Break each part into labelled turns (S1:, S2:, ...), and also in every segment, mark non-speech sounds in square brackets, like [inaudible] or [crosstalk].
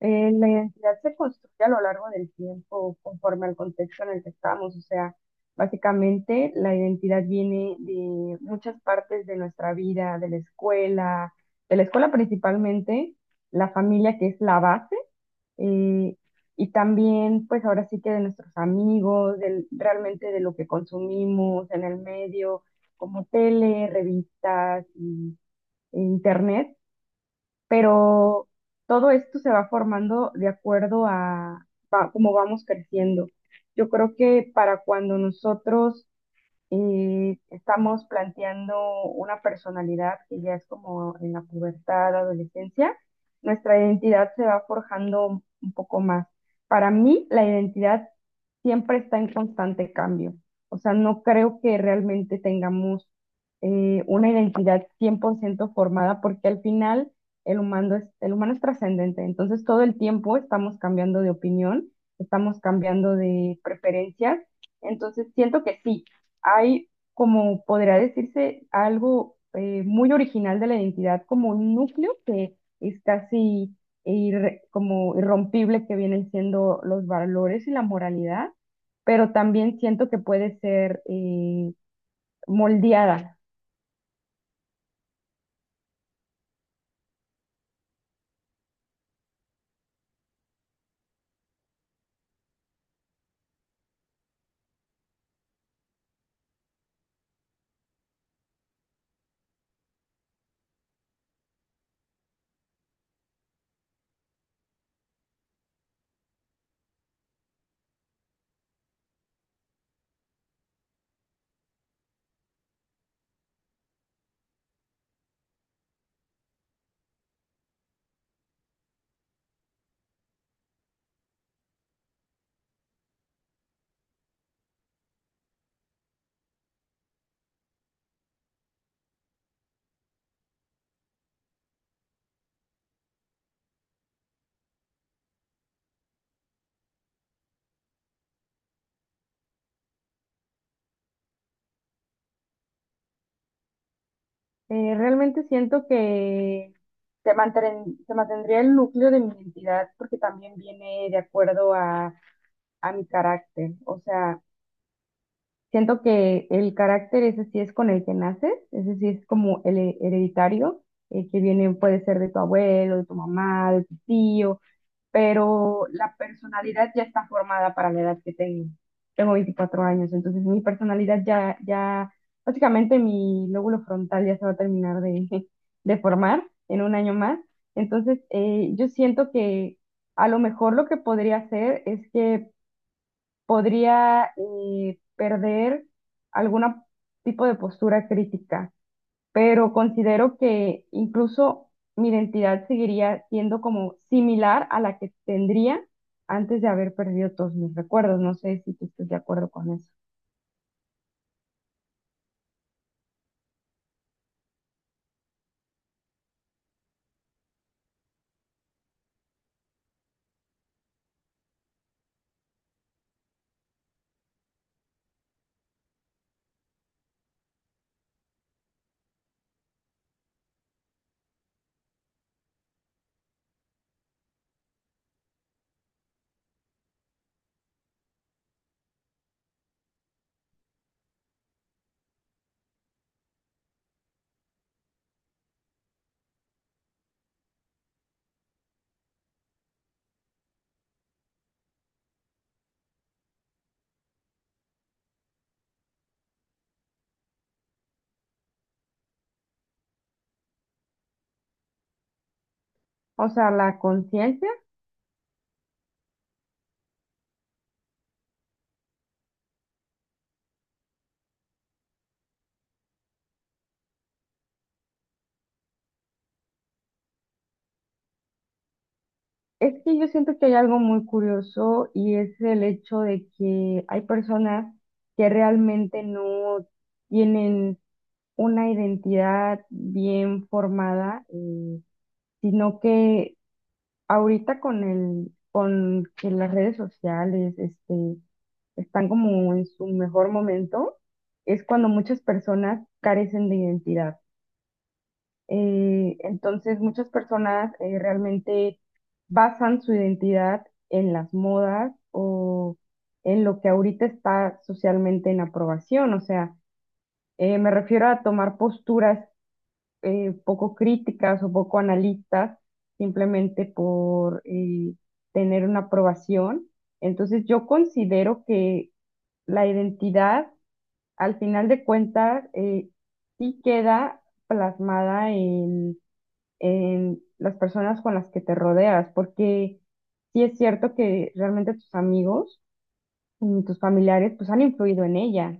S1: La identidad se construye a lo largo del tiempo conforme al contexto en el que estamos. O sea, básicamente la identidad viene de muchas partes de nuestra vida, de la escuela principalmente, la familia que es la base, eh, y también pues ahora sí que de nuestros amigos, del, realmente de lo que consumimos en el medio, como tele, revistas y, e internet. Pero todo esto se va formando de acuerdo a cómo vamos creciendo. Yo creo que para cuando nosotros y estamos planteando una personalidad que ya es como en la pubertad, adolescencia, nuestra identidad se va forjando un poco más. Para mí, la identidad siempre está en constante cambio. O sea, no creo que realmente tengamos una identidad 100% formada porque al final el humano es trascendente. Entonces, todo el tiempo estamos cambiando de opinión, estamos cambiando de preferencias. Entonces, siento que sí, hay, como podría decirse, algo muy original de la identidad, como un núcleo que es casi como irrompible, que vienen siendo los valores y la moralidad, pero también siento que puede ser moldeada. Realmente siento que se mantendría el núcleo de mi identidad porque también viene de acuerdo a mi carácter. O sea, siento que el carácter ese sí es con el que naces, ese sí es como el hereditario, que viene, puede ser de tu abuelo, de tu mamá, de tu tío, pero la personalidad ya está formada para la edad que tengo. Tengo 24 años, entonces mi personalidad básicamente mi lóbulo frontal ya se va a terminar de, [laughs] de formar en un año más. Entonces, yo siento que a lo mejor lo que podría hacer es que podría perder algún tipo de postura crítica, pero considero que incluso mi identidad seguiría siendo como similar a la que tendría antes de haber perdido todos mis recuerdos. No sé si tú estás de acuerdo con eso. O sea, la conciencia, es que yo siento que hay algo muy curioso y es el hecho de que hay personas que realmente no tienen una identidad bien formada. Sino que ahorita con que las redes sociales, este, están como en su mejor momento, es cuando muchas personas carecen de identidad. Entonces, muchas personas realmente basan su identidad en las modas o en lo que ahorita está socialmente en aprobación. O sea, me refiero a tomar posturas poco críticas o poco analistas simplemente por tener una aprobación. Entonces yo considero que la identidad, al final de cuentas, sí queda plasmada en las personas con las que te rodeas, porque sí es cierto que realmente tus amigos y tus familiares pues han influido en ella.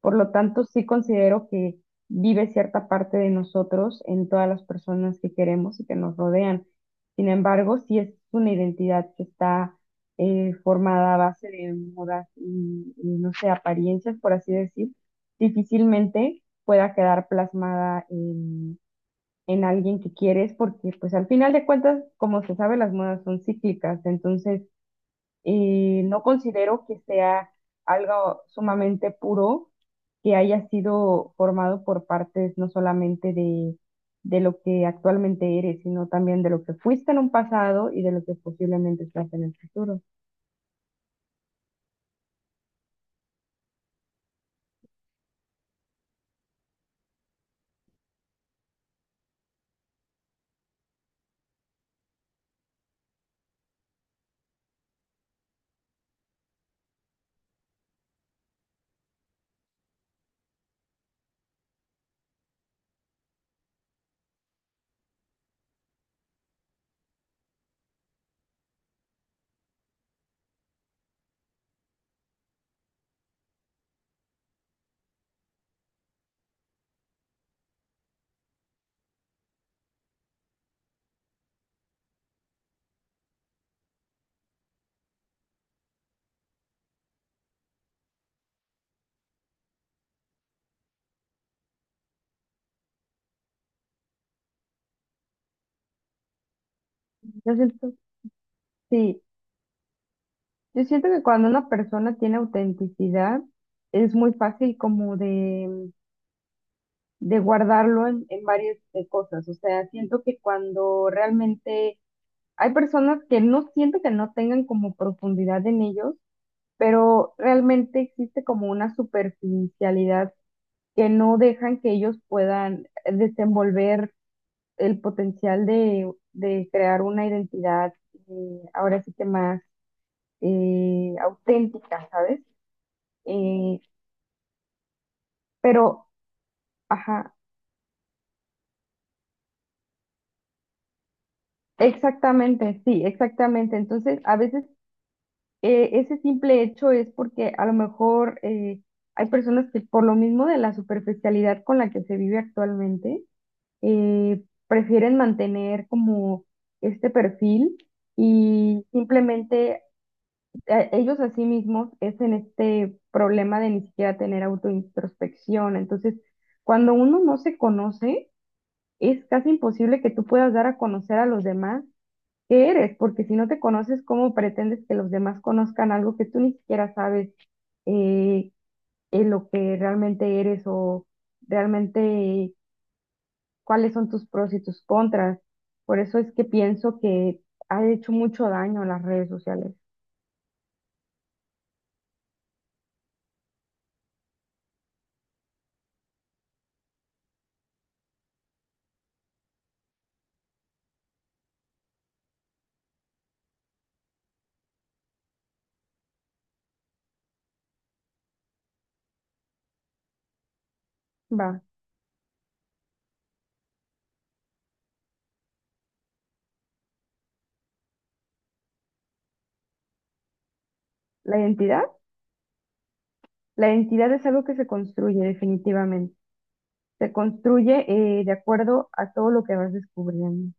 S1: Por lo tanto, sí considero que vive cierta parte de nosotros en todas las personas que queremos y que nos rodean. Sin embargo, sí es una identidad que está formada a base de modas y, no sé, apariencias, por así decir, difícilmente pueda quedar plasmada en alguien que quieres porque pues al final de cuentas, como se sabe, las modas son cíclicas. Entonces, y no considero que sea algo sumamente puro que haya sido formado por partes no solamente de lo que actualmente eres, sino también de lo que fuiste en un pasado y de lo que posiblemente estás en el futuro. Yo siento, sí, yo siento que cuando una persona tiene autenticidad, es muy fácil como de guardarlo en varias cosas. O sea, siento que cuando realmente hay personas que no siento que no tengan como profundidad en ellos, pero realmente existe como una superficialidad que no dejan que ellos puedan desenvolver el potencial de crear una identidad ahora sí que más auténtica, ¿sabes? Eh, pero, ajá, exactamente, sí, exactamente. Entonces, a veces ese simple hecho es porque a lo mejor hay personas que por lo mismo de la superficialidad con la que se vive actualmente, prefieren mantener como este perfil y simplemente ellos a sí mismos es en este problema de ni siquiera tener autointrospección. Entonces, cuando uno no se conoce, es casi imposible que tú puedas dar a conocer a los demás qué eres, porque si no te conoces, ¿cómo pretendes que los demás conozcan algo que tú ni siquiera sabes eh, en lo que realmente eres o realmente cuáles son tus pros y tus contras? Por eso es que pienso que ha hecho mucho daño las redes sociales. Va, la identidad, la identidad es algo que se construye definitivamente. Se construye de acuerdo a todo lo que vas descubriendo.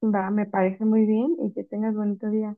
S1: Va, me parece muy bien y que tengas bonito día.